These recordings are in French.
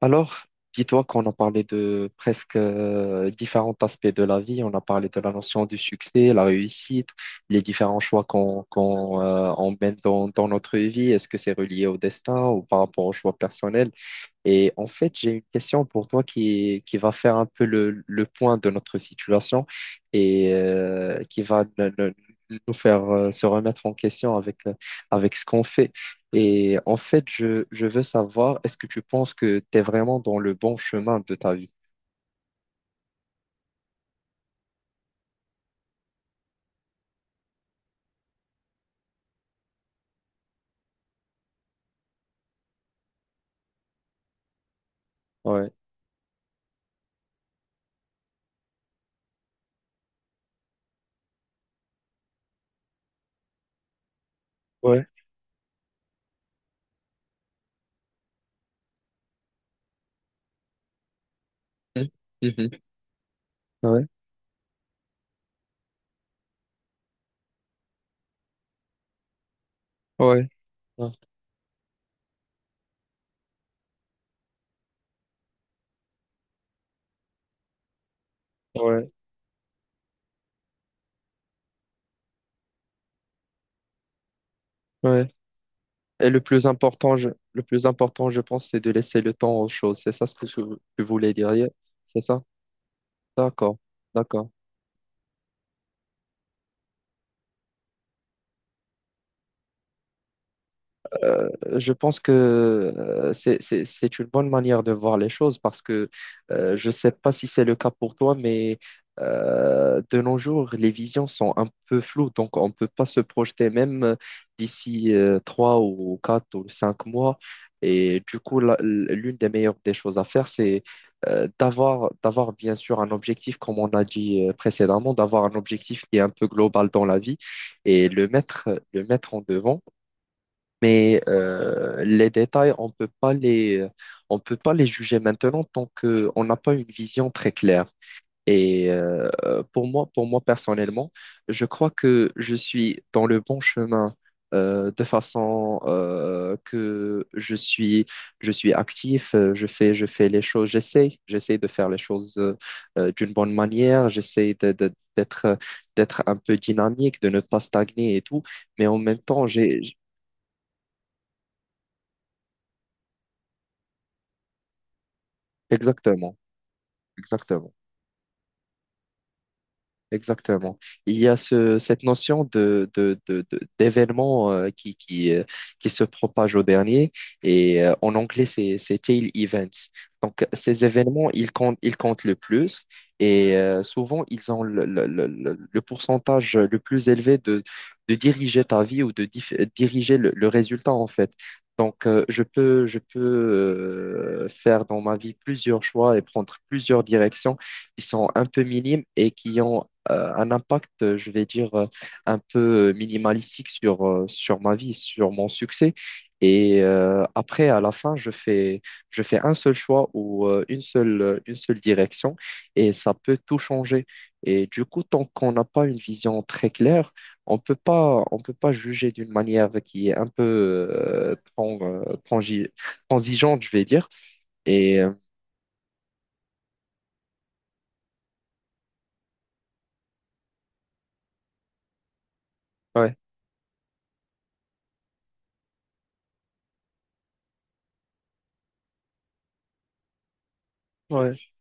Alors, dis-toi qu'on a parlé de presque différents aspects de la vie. On a parlé de la notion du succès, la réussite, les différents choix qu'on on mène dans notre vie. Est-ce que c'est relié au destin ou par rapport aux choix personnels? Et en fait, j'ai une question pour toi qui va faire un peu le point de notre situation et qui va nous faire se remettre en question avec, euh,, avec ce qu'on fait. Et en fait, je veux savoir, est-ce que tu penses que tu es vraiment dans le bon chemin de ta vie? Ouais. Ouais. Mhm. Mhm. Ouais. Ouais. Ouais. Ouais. Ouais. Et le plus important, le plus important, je pense, c'est de laisser le temps aux choses. C'est ça ce que tu voulais dire, hier? C'est ça? D'accord, d'accord. Je pense que c'est une bonne manière de voir les choses parce que je ne sais pas si c'est le cas pour toi, mais de nos jours, les visions sont un peu floues, donc on ne peut pas se projeter même d'ici trois ou quatre ou cinq mois. Et du coup, l'une des meilleures des choses à faire, c'est d'avoir bien sûr un objectif, comme on a dit précédemment, d'avoir un objectif qui est un peu global dans la vie et le mettre en devant mais les détails, on peut pas on peut pas les juger maintenant tant que on n'a pas une vision très claire. Et pour moi personnellement, je crois que je suis dans le bon chemin de façon que je suis actif, je fais les choses, j'essaie de faire les choses d'une bonne manière, j'essaie d'être un peu dynamique, de ne pas stagner et tout. Mais en même temps, Exactement. Exactement. Exactement. Il y a cette notion d'événement qui se propage au dernier et en anglais, c'est tail events. Donc, ces événements, ils comptent le plus et souvent, ils ont le pourcentage le plus élevé de diriger ta vie ou de diriger le résultat, en fait. Donc, je peux faire dans ma vie plusieurs choix et prendre plusieurs directions qui sont un peu minimes et qui ont un impact, je vais dire, un peu minimalistique sur ma vie, sur mon succès. Et après, à la fin, je fais un seul choix ou une seule direction et ça peut tout changer. Et du coup, tant qu'on n'a pas une vision très claire, on peut pas juger d'une manière qui est un peu transigeante, je vais dire. Et ouais, ouais,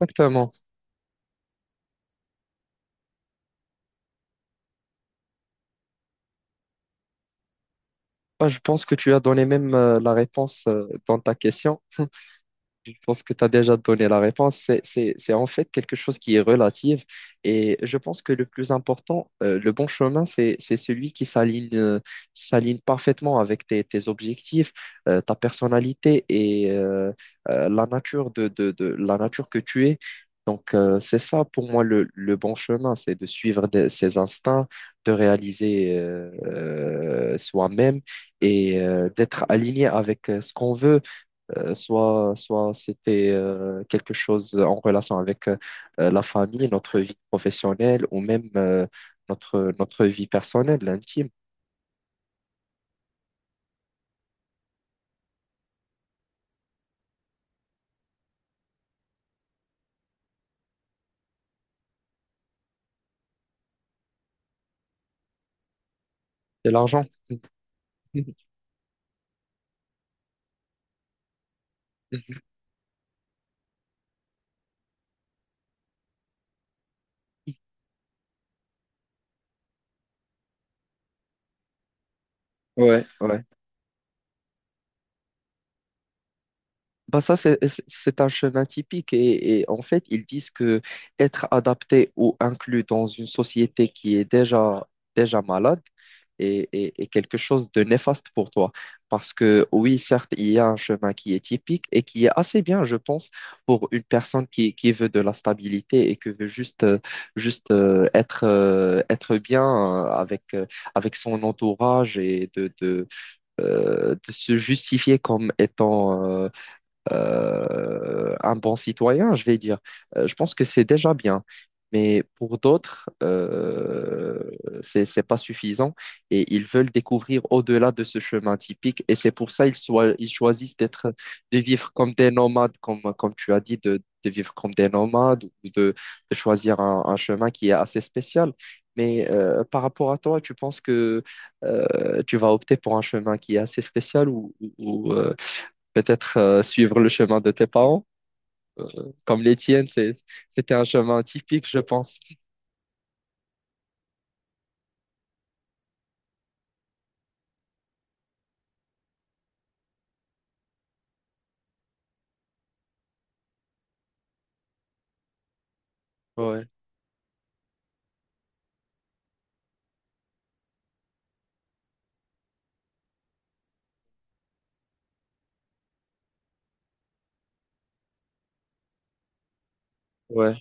exactement. Ah, je pense que tu as donné même la réponse dans ta question. Je pense que tu as déjà donné la réponse. C'est en fait quelque chose qui est relative. Et je pense que le plus important, le bon chemin, c'est celui qui s'aligne, s'aligne parfaitement avec tes objectifs, ta personnalité et la nature la nature que tu es. Donc, c'est ça pour moi le bon chemin, c'est de suivre ses instincts, de réaliser soi-même et d'être aligné avec ce qu'on veut soit c'était quelque chose en relation avec la famille, notre vie professionnelle ou même notre vie personnelle, intime. C'est l'argent. Ouais, ouais. Bah ça, un chemin typique et en fait, ils disent que être adapté ou inclus dans une société qui est déjà malade est quelque chose de néfaste pour toi. Parce que oui, certes, il y a un chemin qui est typique et qui est assez bien, je pense, pour une personne qui veut de la stabilité et qui veut juste, juste être bien avec son entourage et de se justifier comme étant... un bon citoyen, je vais dire. Je pense que c'est déjà bien. Mais pour d'autres, c'est pas suffisant et ils veulent découvrir au-delà de ce chemin typique et c'est pour ça ils choisissent de vivre comme des nomades, comme tu as dit, de vivre comme des nomades ou de choisir un chemin qui est assez spécial. Mais par rapport à toi, tu penses que tu vas opter pour un chemin qui est assez spécial peut-être suivre le chemin de tes parents, euh, comme les tiennes, c'était un chemin typique, je pense. Ouais, ouais.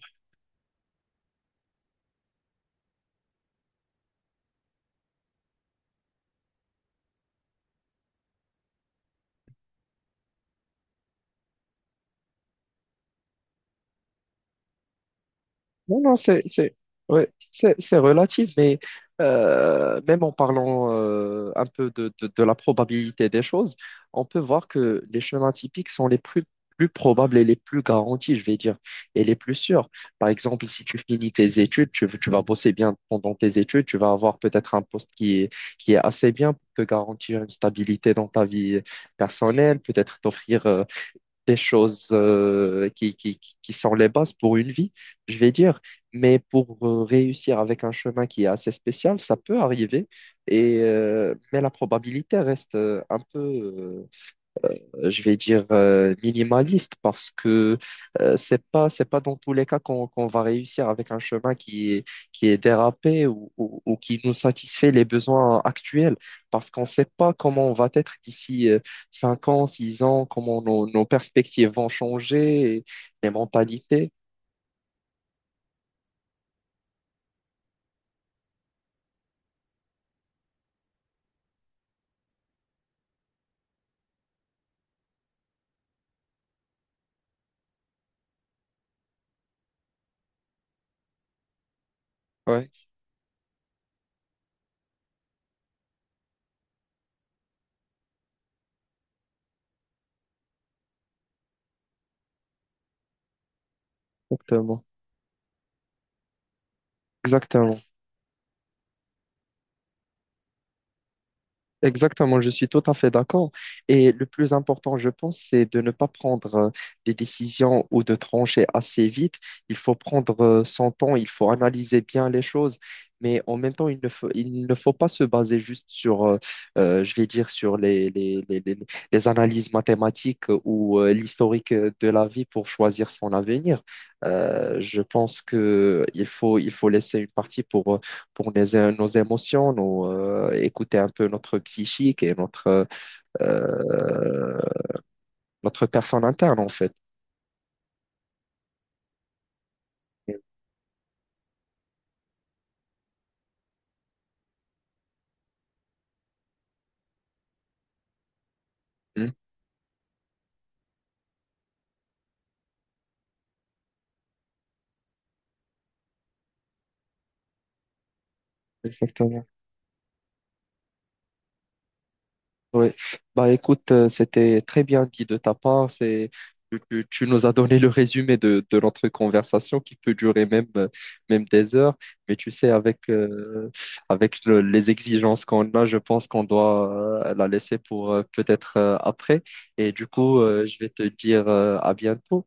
Non, ouais, c'est relatif, mais même en parlant un peu de la probabilité des choses, on peut voir que les chemins typiques sont les plus probables et les plus garantis, je vais dire, et les plus sûrs. Par exemple, si tu finis tes études, tu vas bosser bien pendant tes études, tu vas avoir peut-être un poste qui est assez bien pour te garantir une stabilité dans ta vie personnelle, peut-être t'offrir des choses qui sont les bases pour une vie, je vais dire. Mais pour réussir avec un chemin qui est assez spécial, ça peut arriver. Et, mais la probabilité reste un peu, je vais dire minimaliste parce que c'est pas dans tous les cas qu'on va réussir avec un chemin qui est dérapé ou qui nous satisfait les besoins actuels parce qu'on sait pas comment on va être d'ici cinq ans, six ans, comment nos perspectives vont changer, et les mentalités. Ouais, exactement. Exactement. Exactement, je suis tout à fait d'accord. Et le plus important, je pense, c'est de ne pas prendre des décisions ou de trancher assez vite. Il faut prendre son temps, il faut analyser bien les choses, mais en même temps, il ne faut pas se baser juste je vais dire, sur les analyses mathématiques ou l'historique de la vie pour choisir son avenir. Je pense que il faut laisser une partie pour nos émotions, écouter un peu notre psychique et euh, notre personne interne, en fait. Mhm. Exactement. Oui. Bah, écoute, c'était très bien dit de ta part. C'est, tu nous as donné le résumé de notre conversation qui peut durer même, même des heures. Mais tu sais, avec les exigences qu'on a, je pense qu'on doit la laisser pour peut-être après. Et du coup, je vais te dire à bientôt.